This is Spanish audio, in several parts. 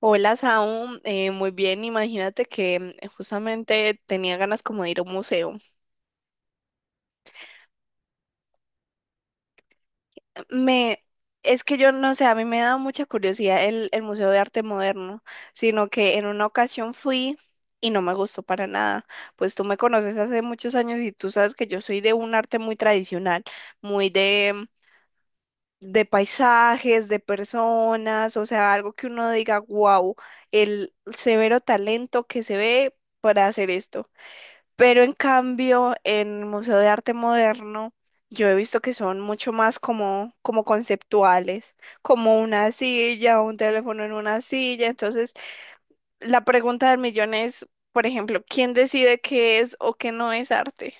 Hola, Saúl. Muy bien, imagínate que justamente tenía ganas como de ir a un museo. Me, es que yo no sé, a mí me da mucha curiosidad el Museo de Arte Moderno, sino que en una ocasión fui y no me gustó para nada. Pues tú me conoces hace muchos años y tú sabes que yo soy de un arte muy tradicional, muy de, de paisajes, de personas, o sea, algo que uno diga, wow, el severo talento que se ve para hacer esto. Pero en cambio, en el Museo de Arte Moderno, yo he visto que son mucho más como conceptuales, como una silla, un teléfono en una silla. Entonces, la pregunta del millón es, por ejemplo, ¿quién decide qué es o qué no es arte?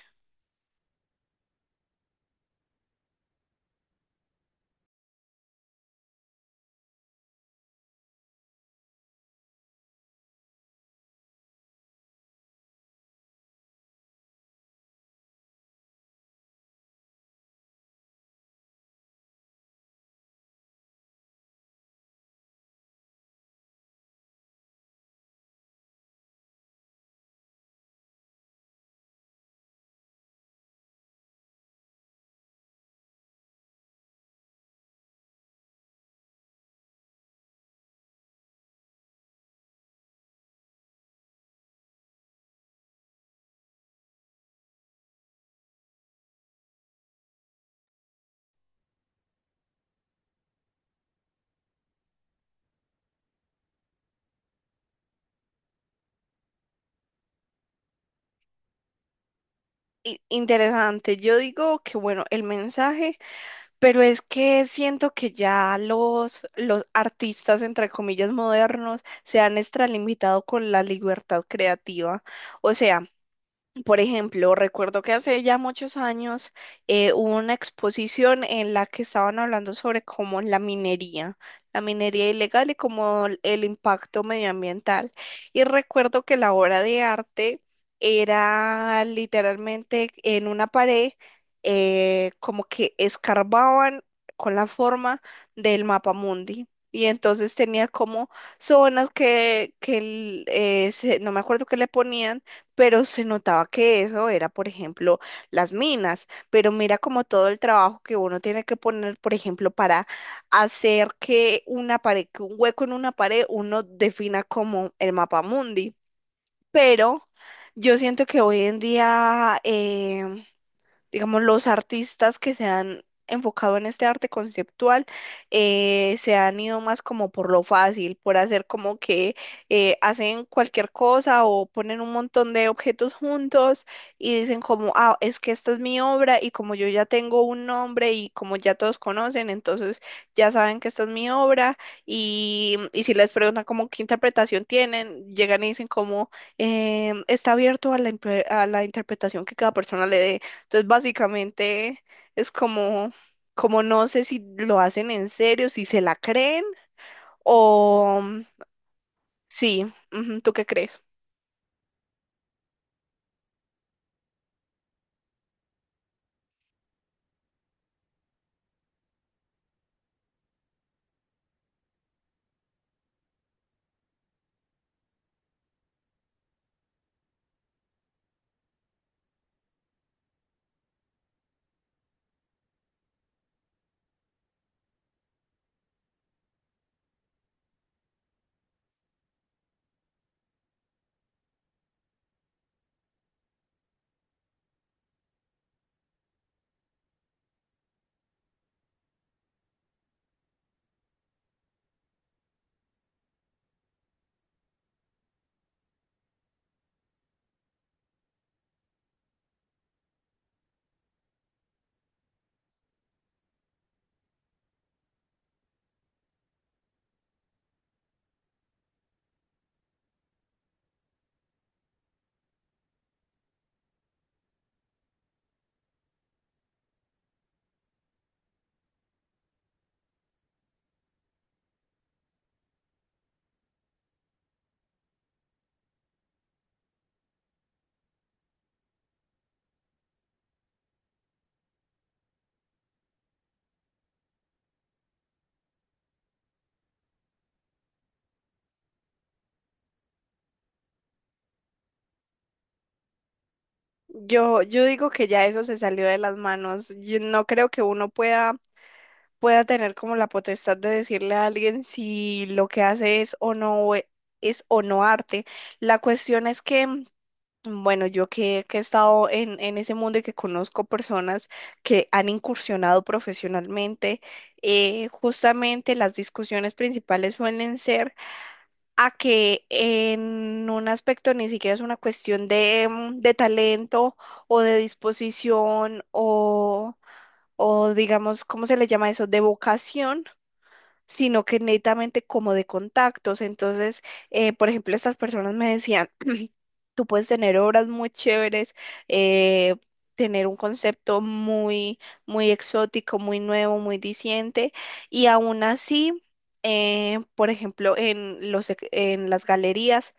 Interesante. Yo digo que, bueno, el mensaje, pero es que siento que ya los artistas, entre comillas, modernos, se han extralimitado con la libertad creativa. O sea, por ejemplo, recuerdo que hace ya muchos años hubo una exposición en la que estaban hablando sobre cómo la minería ilegal y cómo el impacto medioambiental. Y recuerdo que la obra de arte era literalmente en una pared, como que escarbaban con la forma del mapa mundi. Y entonces tenía como zonas que no me acuerdo qué le ponían, pero se notaba que eso era, por ejemplo, las minas, pero mira como todo el trabajo que uno tiene que poner, por ejemplo, para hacer que una pared, que un hueco en una pared, uno defina como el mapa mundi, pero yo siento que hoy en día digamos, los artistas que se han enfocado en este arte conceptual se han ido más como por lo fácil, por hacer como que hacen cualquier cosa o ponen un montón de objetos juntos y dicen como, ah, es que esta es mi obra y como yo ya tengo un nombre y como ya todos conocen, entonces ya saben que esta es mi obra y si les preguntan como qué interpretación tienen, llegan y dicen como, está abierto a la interpretación que cada persona le dé. Entonces, básicamente es como, como no sé si lo hacen en serio, si se la creen o sí, ujú, ¿tú qué crees? Yo digo que ya eso se salió de las manos. Yo no creo que uno pueda tener como la potestad de decirle a alguien si lo que hace es o no arte. La cuestión es que, bueno, yo que he estado en ese mundo y que conozco personas que han incursionado profesionalmente, justamente las discusiones principales suelen ser a que en un aspecto ni siquiera es una cuestión de, de talento o de disposición o digamos, ¿cómo se le llama eso? De vocación, sino que netamente como de contactos. Entonces, por ejemplo, estas personas me decían... Tú puedes tener obras muy chéveres, eh, tener un concepto muy, muy exótico, muy nuevo, muy diciente, y aún así, por ejemplo, en en las galerías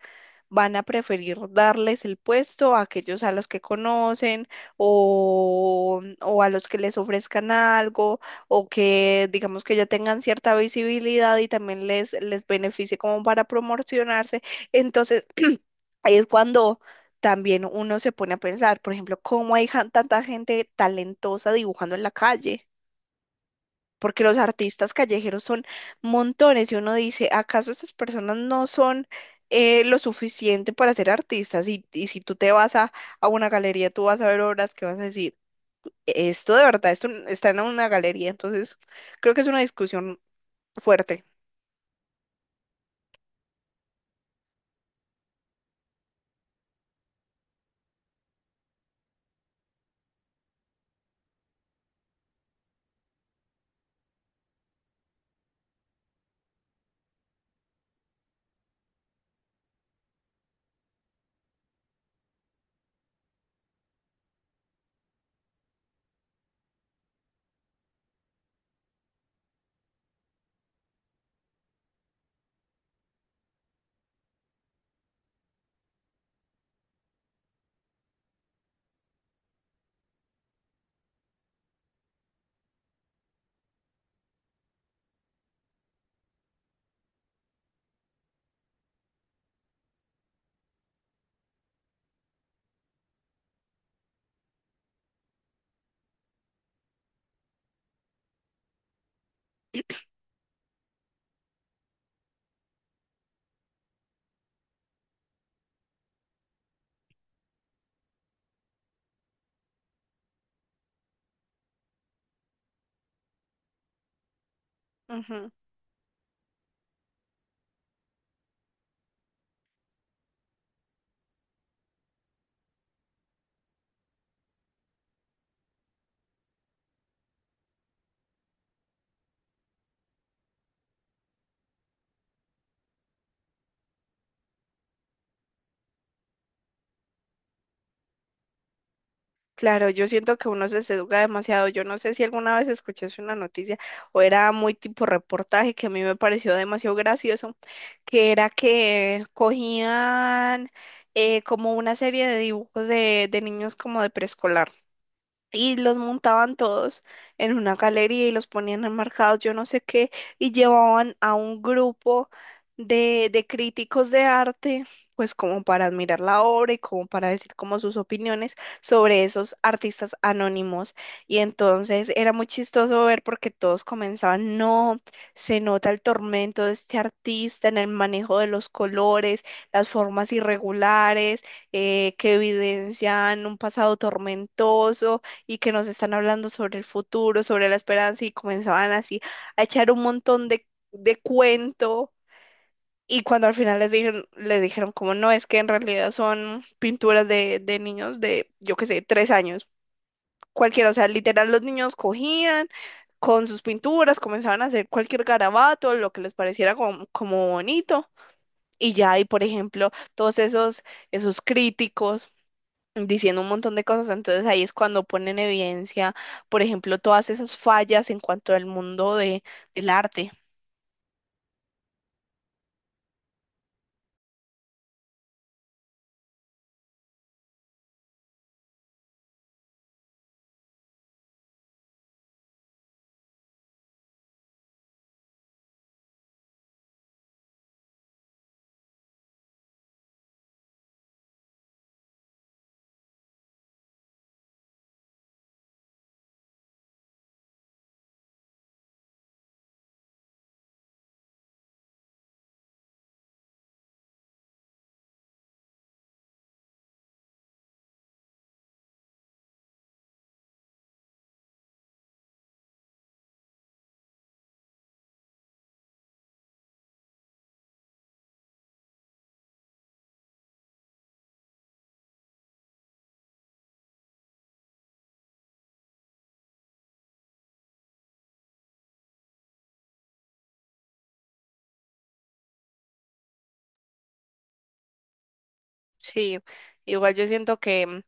van a preferir darles el puesto a aquellos a los que conocen o a los que les ofrezcan algo o que digamos que ya tengan cierta visibilidad y también les beneficie como para promocionarse. Entonces, ahí es cuando también uno se pone a pensar, por ejemplo, cómo hay tanta gente talentosa dibujando en la calle, porque los artistas callejeros son montones y uno dice, ¿acaso estas personas no son lo suficiente para ser artistas? Y si tú te vas a una galería, tú vas a ver obras que vas a decir, esto de verdad, está en una galería, entonces creo que es una discusión fuerte. Claro, yo siento que uno se sesga demasiado. Yo no sé si alguna vez escuchaste una noticia o era muy tipo reportaje que a mí me pareció demasiado gracioso, que era que cogían como una serie de dibujos de niños como de preescolar y los montaban todos en una galería y los ponían enmarcados, yo no sé qué, y llevaban a un grupo de críticos de arte, pues como para admirar la obra y como para decir como sus opiniones sobre esos artistas anónimos. Y entonces era muy chistoso ver porque todos comenzaban, no, se nota el tormento de este artista en el manejo de los colores, las formas irregulares, que evidencian un pasado tormentoso y que nos están hablando sobre el futuro, sobre la esperanza, y comenzaban así a echar un montón de cuento, y cuando al final les dijeron como no, es que en realidad son pinturas de niños de, yo qué sé, 3 años, cualquiera, o sea, literal los niños cogían con sus pinturas, comenzaban a hacer cualquier garabato, lo que les pareciera como, como bonito. Y ya, y por ejemplo, todos esos críticos diciendo un montón de cosas, entonces ahí es cuando ponen en evidencia, por ejemplo, todas esas fallas en cuanto al mundo del arte. Sí, igual yo siento que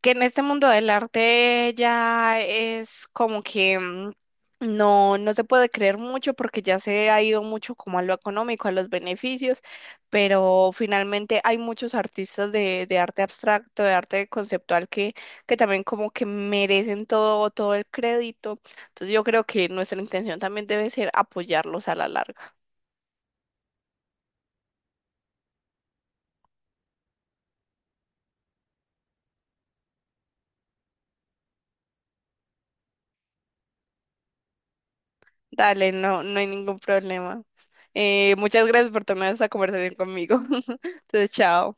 que en este mundo del arte ya es como que no se puede creer mucho porque ya se ha ido mucho como a lo económico, a los beneficios, pero finalmente hay muchos artistas de arte abstracto, de arte conceptual que también como que merecen todo, todo el crédito. Entonces yo creo que nuestra intención también debe ser apoyarlos a la larga. Dale, no, no hay ningún problema. Muchas gracias por tomar esta conversación conmigo. Entonces, chao.